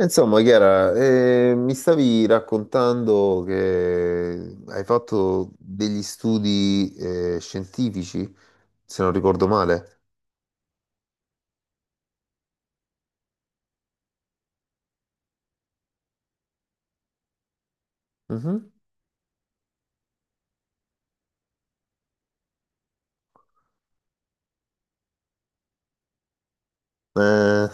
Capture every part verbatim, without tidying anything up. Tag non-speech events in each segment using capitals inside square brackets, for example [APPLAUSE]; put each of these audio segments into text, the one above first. Insomma, Chiara, eh, mi stavi raccontando che hai fatto degli studi eh, scientifici, se non ricordo male. Mhm. Eh,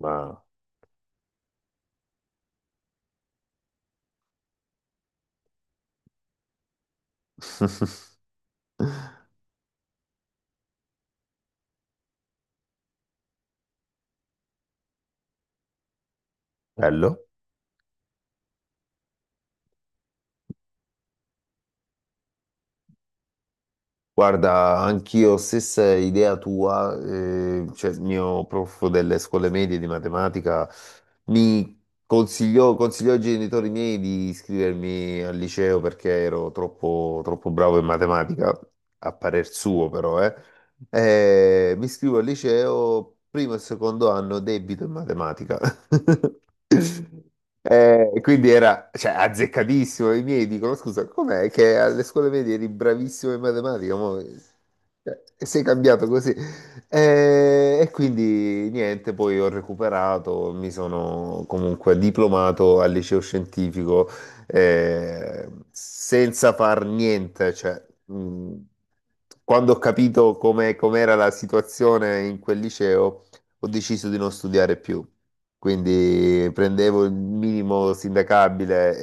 ma [LAUGHS] bello. Guarda, anch'io stessa idea tua, eh, cioè il mio prof delle scuole medie di matematica mi consigliò, consigliò ai genitori miei di iscrivermi al liceo perché ero troppo, troppo bravo in matematica, a parer suo però, eh. Eh, mi iscrivo al liceo, primo e secondo anno debito in matematica. [LAUGHS] [LAUGHS] Eh, e quindi era, cioè, azzeccatissimo. I miei dicono: Scusa, com'è che alle scuole medie eri bravissimo in matematica? Mo, cioè, sei cambiato così. Eh, e quindi niente, poi ho recuperato, mi sono comunque diplomato al liceo scientifico eh, senza far niente. Cioè, mh, quando ho capito come com'era la situazione in quel liceo, ho deciso di non studiare più. Quindi prendevo il minimo sindacabile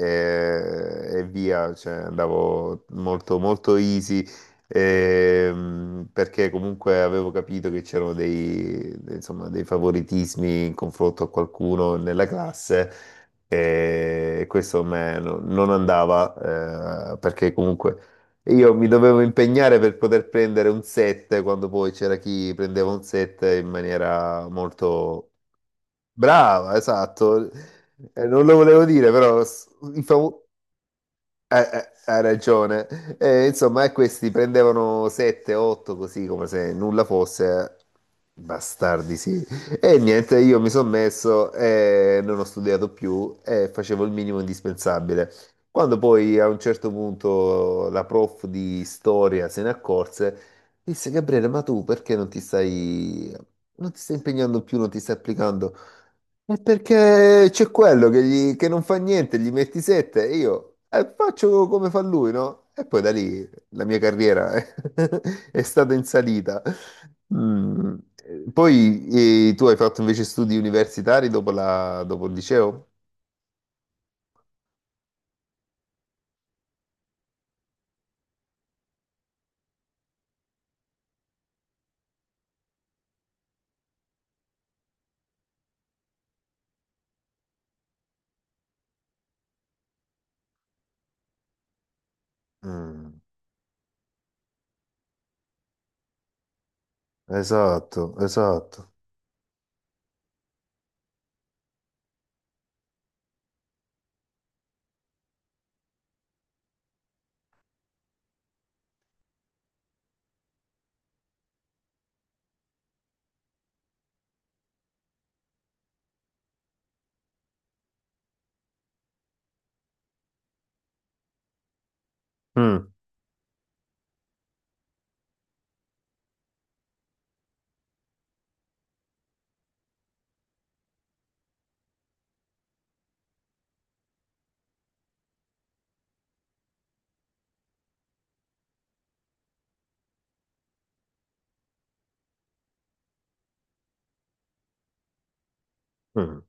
e, e via, cioè andavo molto, molto easy, ehm, perché comunque avevo capito che c'erano dei, insomma, dei favoritismi in confronto a qualcuno nella classe e questo a me no- non andava, eh, perché comunque io mi dovevo impegnare per poter prendere un sette quando poi c'era chi prendeva un sette in maniera molto... Brava, esatto. Eh, non lo volevo dire, però s- i famu- eh, eh, hai ragione. Eh, insomma, e questi prendevano sette, otto così come se nulla fosse. Eh. Bastardi, sì. E niente, io mi sono messo e non ho studiato più e facevo il minimo indispensabile. Quando poi a un certo punto la prof di storia se ne accorse, disse: Gabriele, ma tu perché non ti stai, non ti stai impegnando più, non ti stai applicando? È perché c'è quello che, gli- che non fa niente, gli metti sette e io eh, faccio come fa lui, no? E poi da lì la mia carriera [LAUGHS] è, è stata in salita. Mm, eh, Poi eh, tu hai fatto invece studi universitari dopo, la- dopo il liceo? Mm. Esatto, esatto. Mm, mm.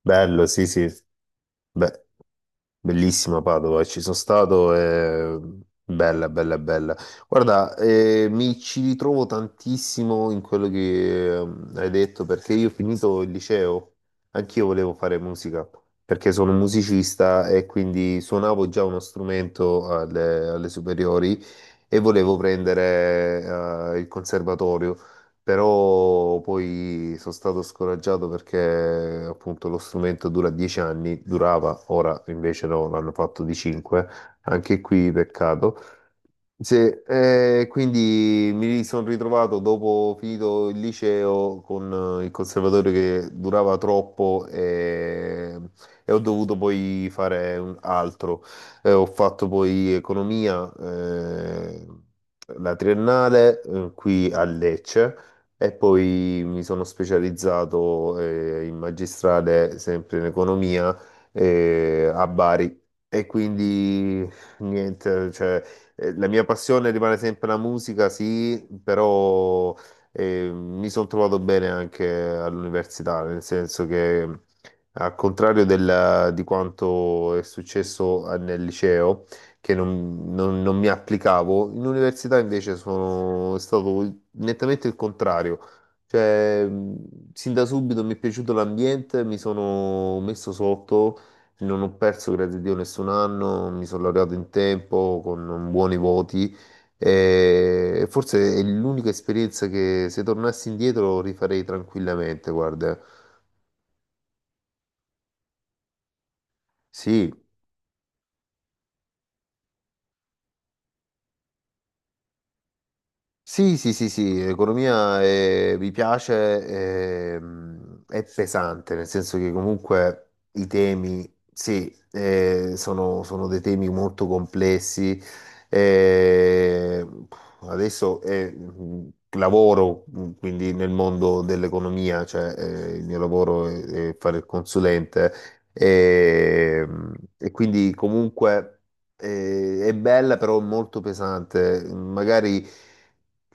Bello, sì, sì. Beh. Bellissima Padova, ci sono stato, è bella, bella, bella. Guarda, eh, mi ci ritrovo tantissimo in quello che ehm, hai detto perché io ho finito il liceo, anch'io volevo fare musica perché sono un musicista e quindi suonavo già uno strumento alle, alle superiori e volevo prendere eh, il conservatorio però poi sono stato scoraggiato perché appunto lo strumento dura dieci anni, durava, ora invece no, l'hanno fatto di cinque, anche qui peccato. Sì, eh, quindi mi sono ritrovato dopo finito il liceo con eh, il conservatorio che durava troppo e, e ho dovuto poi fare un altro. Eh, ho fatto poi economia, eh, la triennale, eh, qui a Lecce e poi mi sono specializzato, eh, in magistrale sempre in economia, eh, a Bari. E quindi niente, cioè eh, la mia passione rimane sempre la musica, sì, però eh, mi sono trovato bene anche all'università, nel senso che al contrario del- di quanto è successo a- nel liceo, che non, non- non mi applicavo, in università invece sono è stato nettamente il contrario. Cioè, mh, sin da subito mi è piaciuto l'ambiente, mi sono messo sotto, non ho perso, grazie a Dio, nessun anno, mi sono laureato in tempo con buoni voti e forse è l'unica esperienza che se tornassi indietro rifarei tranquillamente, guarda. Sì. Sì, sì, sì, sì, economia eh, mi piace, ehm, è pesante, nel senso che comunque i temi, sì, eh, sono, sono dei temi molto complessi. Eh, adesso eh, mh, lavoro mh, quindi nel mondo dell'economia, cioè eh, il mio lavoro è, è fare il consulente, ehm, e quindi comunque. Eh, è bella però molto pesante. Magari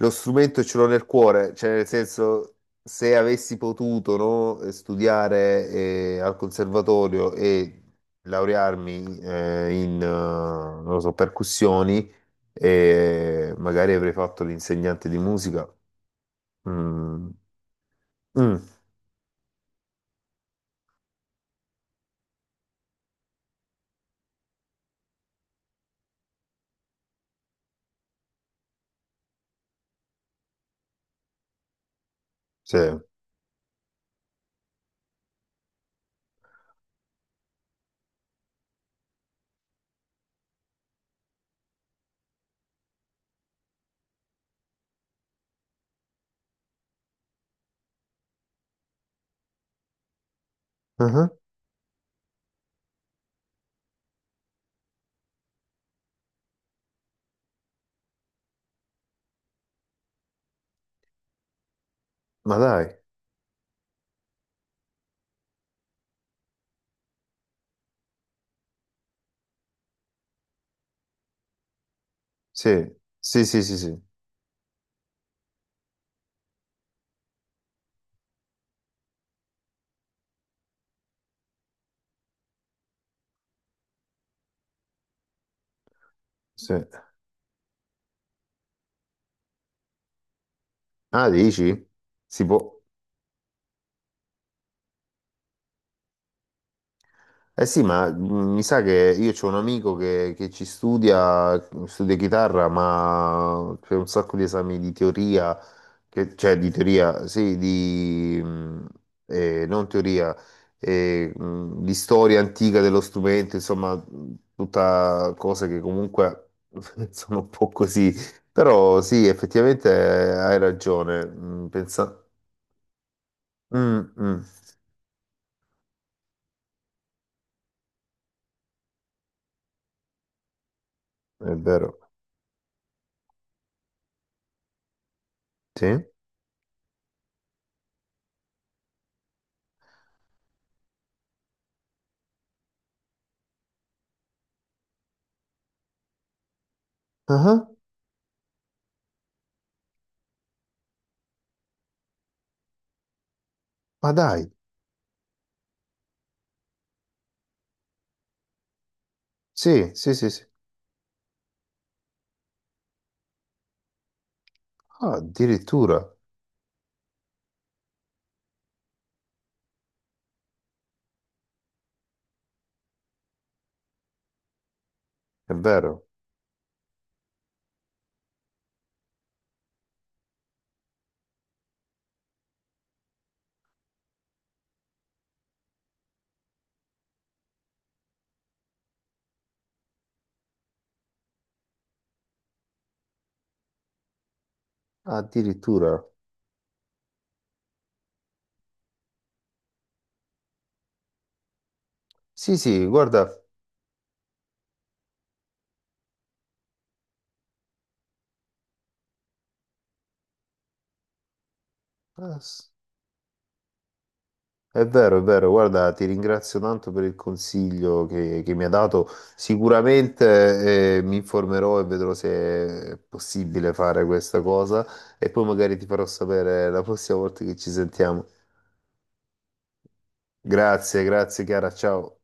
lo strumento ce l'ho nel cuore, cioè nel senso se avessi potuto no, eh, studiare eh, al conservatorio e laurearmi eh, in eh, non lo so, percussioni, eh, magari avrei fatto l'insegnante di musica. Mm. Mm, sì. Ah, ma dai, sì, sì, sì, sì, sì. Sì. Ah, dici? Si può. Eh sì, ma mh, mi sa che io c'ho un amico che, che ci studia, studia chitarra, ma c'è un sacco di esami di teoria, che- cioè di teoria, sì, di mh, eh, non teoria, eh, mh, di storia antica dello strumento, insomma, mh, tutta cose che comunque [LAUGHS] sono un po' così. Però sì, effettivamente eh, hai ragione. mh, Pensa... Mm, mm, è vero. Sì. Ah, ma dai, sì, sì, sì, sì. Ah, addirittura, è vero, addirittura. Sì, sì, guarda, eh, s- è vero, è vero, guarda, ti ringrazio tanto per il consiglio che, che mi ha dato. Sicuramente, eh, mi informerò e vedrò se è possibile fare questa cosa e poi magari ti farò sapere la prossima volta che ci sentiamo. Grazie, grazie Chiara, ciao.